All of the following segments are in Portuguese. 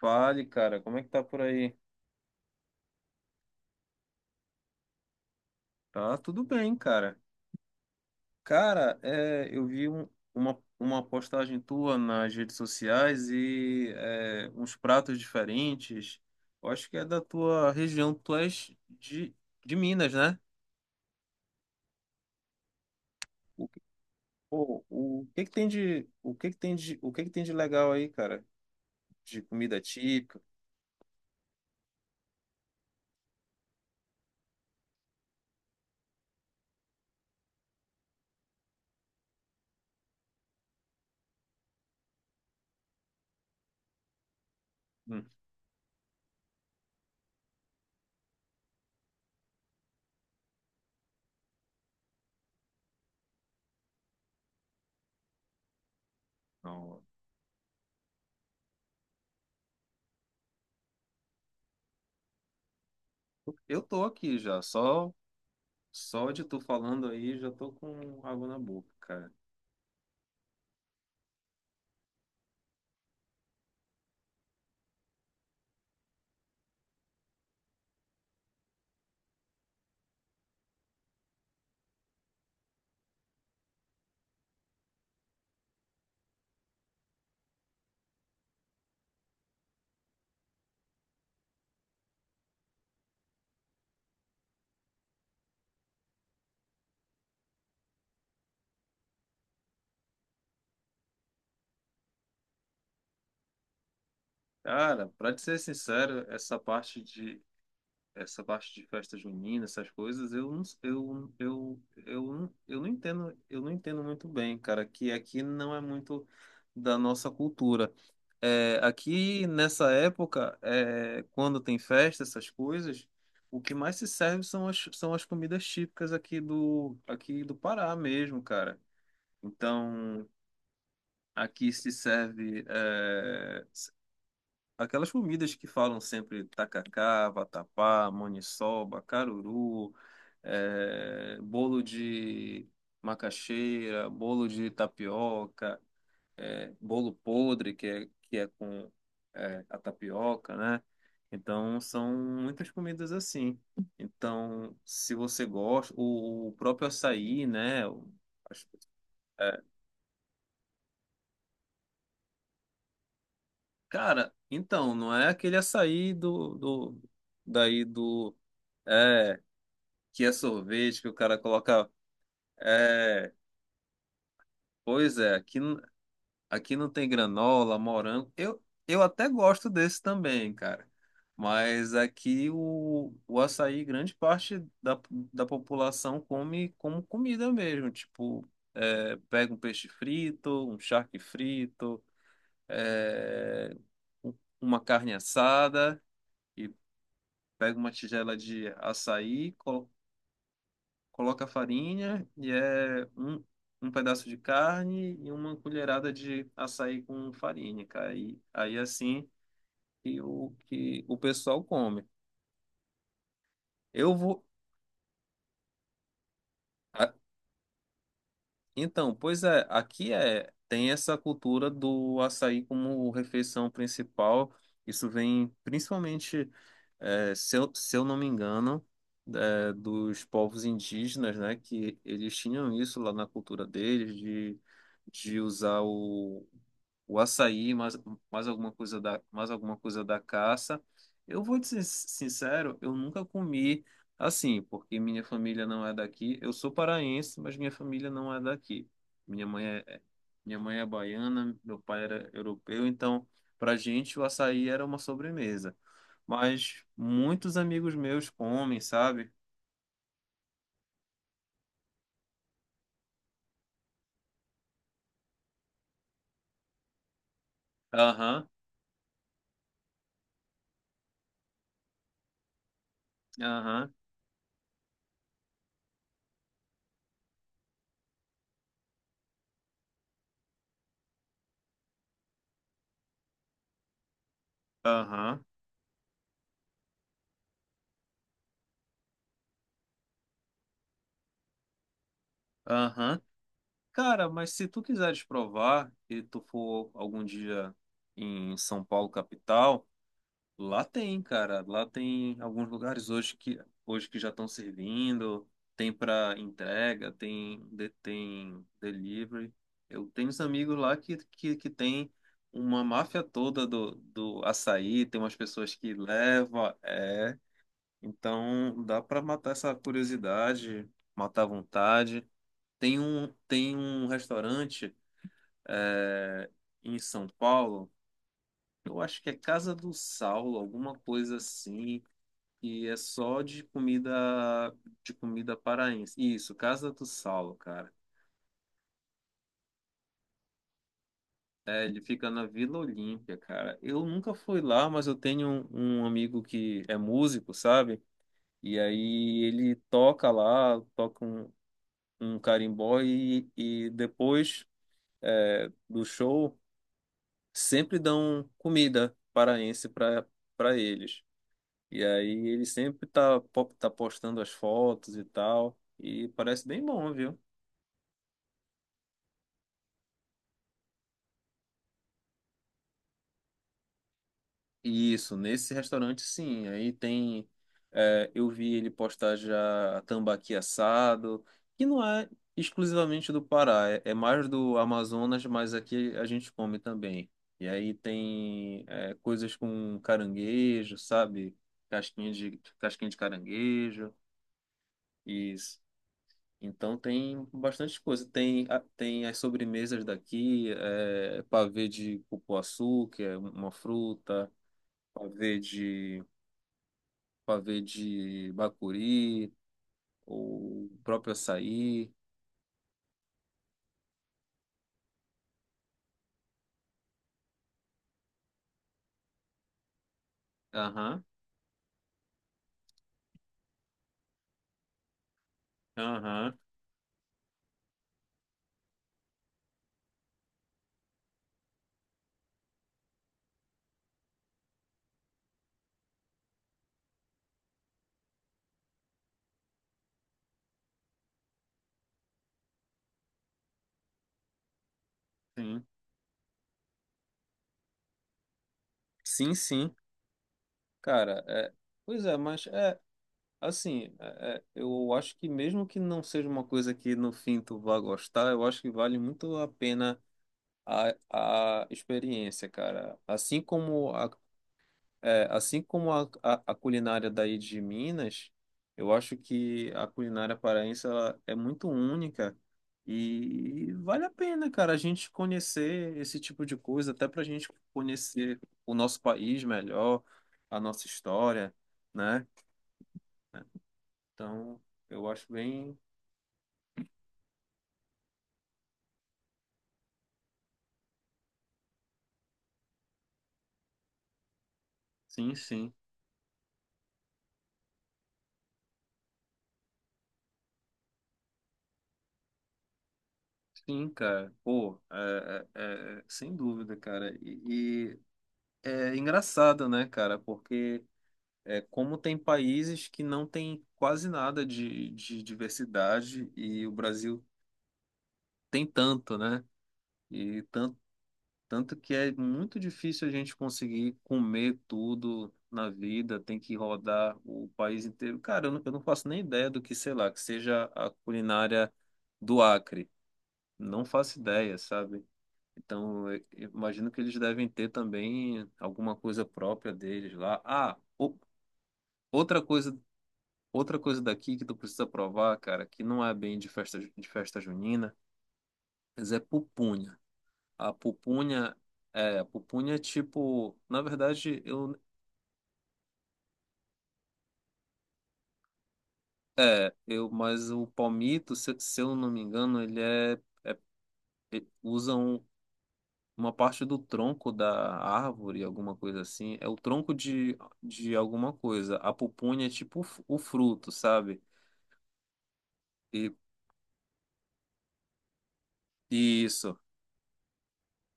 Fale, cara, como é que tá por aí? Tá tudo bem, cara. Cara, eu vi uma postagem tua nas redes sociais e uns pratos diferentes. Eu acho que é da tua região, tu és de Minas, né? O, que- Pô, o que que tem de legal aí, cara? De comida típica? Hum, não. Eu tô aqui já, só de tu falando aí, já tô com água na boca, cara. Cara, pra te ser sincero, essa parte de festa junina, essas coisas, eu não entendo muito bem, cara, que aqui não é muito da nossa cultura. Aqui nessa época, quando tem festa, essas coisas, o que mais se serve são as comidas típicas aqui do Pará mesmo, cara. Então, aqui se serve aquelas comidas que falam sempre tacacá, vatapá, maniçoba, caruru, bolo de macaxeira, bolo de tapioca, bolo podre, que é com a tapioca, né? Então, são muitas comidas assim. Então, se você gosta, o próprio açaí, né? As- é, Cara, então, não é aquele açaí daí do. É, que é sorvete, que o cara coloca. É, pois é, aqui, aqui não tem granola, morango. Eu até gosto desse também, cara. Mas aqui o açaí, grande parte da população come como comida mesmo. Tipo, pega um peixe frito, um charque frito, é, um- uma carne assada e pega uma tigela de açaí, coloca a farinha e é um pedaço de carne e uma colherada de açaí com farinha, cara. E aí assim que o pessoal come. Eu vou a- Então, pois é, aqui tem essa cultura do açaí como refeição principal. Isso vem principalmente, se eu não me engano, dos povos indígenas, né? Que eles tinham isso lá na cultura deles de usar o açaí, mais alguma coisa da caça. Eu vou te ser sincero, eu nunca comi assim, porque minha família não é daqui. Eu sou paraense, mas minha família não é daqui. Minha mãe é, é- Minha mãe é baiana, meu pai era europeu, então pra gente o açaí era uma sobremesa. Mas muitos amigos meus comem, sabe? Aham, aham, aham, aham. Cara, mas se tu quiseres provar e tu for algum dia em São Paulo, capital, lá tem, cara. Lá tem alguns lugares hoje que já estão servindo, tem para entrega, tem delivery. Eu tenho uns amigos lá que tem uma máfia toda do açaí, tem umas pessoas que levam, é. Então dá para matar essa curiosidade, matar a vontade. Tem um restaurante é, em São Paulo. Eu acho que é Casa do Saulo, alguma coisa assim. E é só de comida paraense. Isso, Casa do Saulo, cara. É, ele fica na Vila Olímpia, cara. Eu nunca fui lá, mas eu tenho um amigo que é músico, sabe? E aí ele toca lá, toca um carimbó e depois do show sempre dão comida paraense para eles. E aí ele sempre tá postando as fotos e tal. E parece bem bom, viu? Isso, nesse restaurante sim. Aí tem. Eu vi ele postar já tambaqui assado, que não é exclusivamente do Pará, é mais do Amazonas, mas aqui a gente come também. E aí tem coisas com caranguejo, sabe? Casquinha de caranguejo. Isso. Então tem bastante coisa. Tem as sobremesas daqui, pavê de cupuaçu, que é uma fruta, pavê de, pavê de bacuri, o próprio açaí. Aham, aham, sim. Sim, sim. Cara, pois é, mas é assim, eu acho que mesmo que não seja uma coisa que no fim tu vá gostar, eu acho que vale muito a pena a, a experiência, cara. Assim como a Assim como a culinária daí de Minas, eu acho que a culinária paraense ela é muito única e vale a pena, cara, a gente conhecer esse tipo de coisa, até para a gente conhecer o nosso país melhor, a nossa história, né? Então, eu acho bem. Sim, sim. Sim, cara. Pô, sem dúvida, cara. E é engraçado, né, cara? Porque. Como tem países que não tem quase nada de diversidade e o Brasil tem tanto, né? E tanto, tanto que é muito difícil a gente conseguir comer tudo na vida, tem que rodar o país inteiro. Cara, eu não faço nem ideia do que, sei lá, que seja a culinária do Acre. Não faço ideia, sabe? Então, eu imagino que eles devem ter também alguma coisa própria deles lá. Ah, outra coisa Outra coisa daqui que tu precisa provar, cara, que não é bem de festa junina, mas é pupunha. A pupunha a pupunha é tipo, na verdade, mas o palmito, se eu não me engano, ele usa uma parte do tronco da árvore, alguma coisa assim. É o tronco de alguma coisa. A pupunha é tipo o fruto, sabe? E, e isso.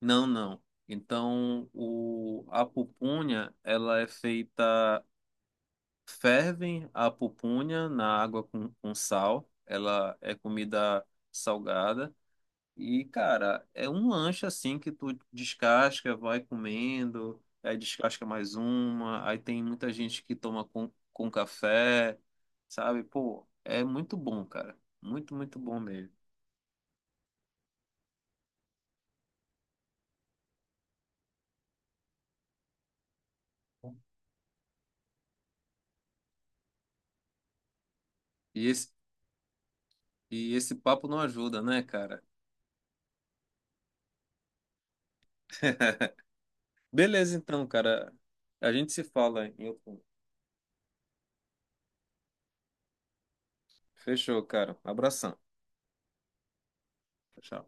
Não, não. Então, a pupunha, ela é feita. Fervem a pupunha na água com sal. Ela é comida salgada. E, cara, é um lanche assim que tu descasca, vai comendo, aí descasca mais uma. Aí tem muita gente que toma com café, sabe? Pô, é muito bom, cara. Muito, muito bom mesmo. E esse, e esse papo não ajuda, né, cara? Beleza, então, cara. A gente se fala em outro. Fechou, cara. Abração. Tchau.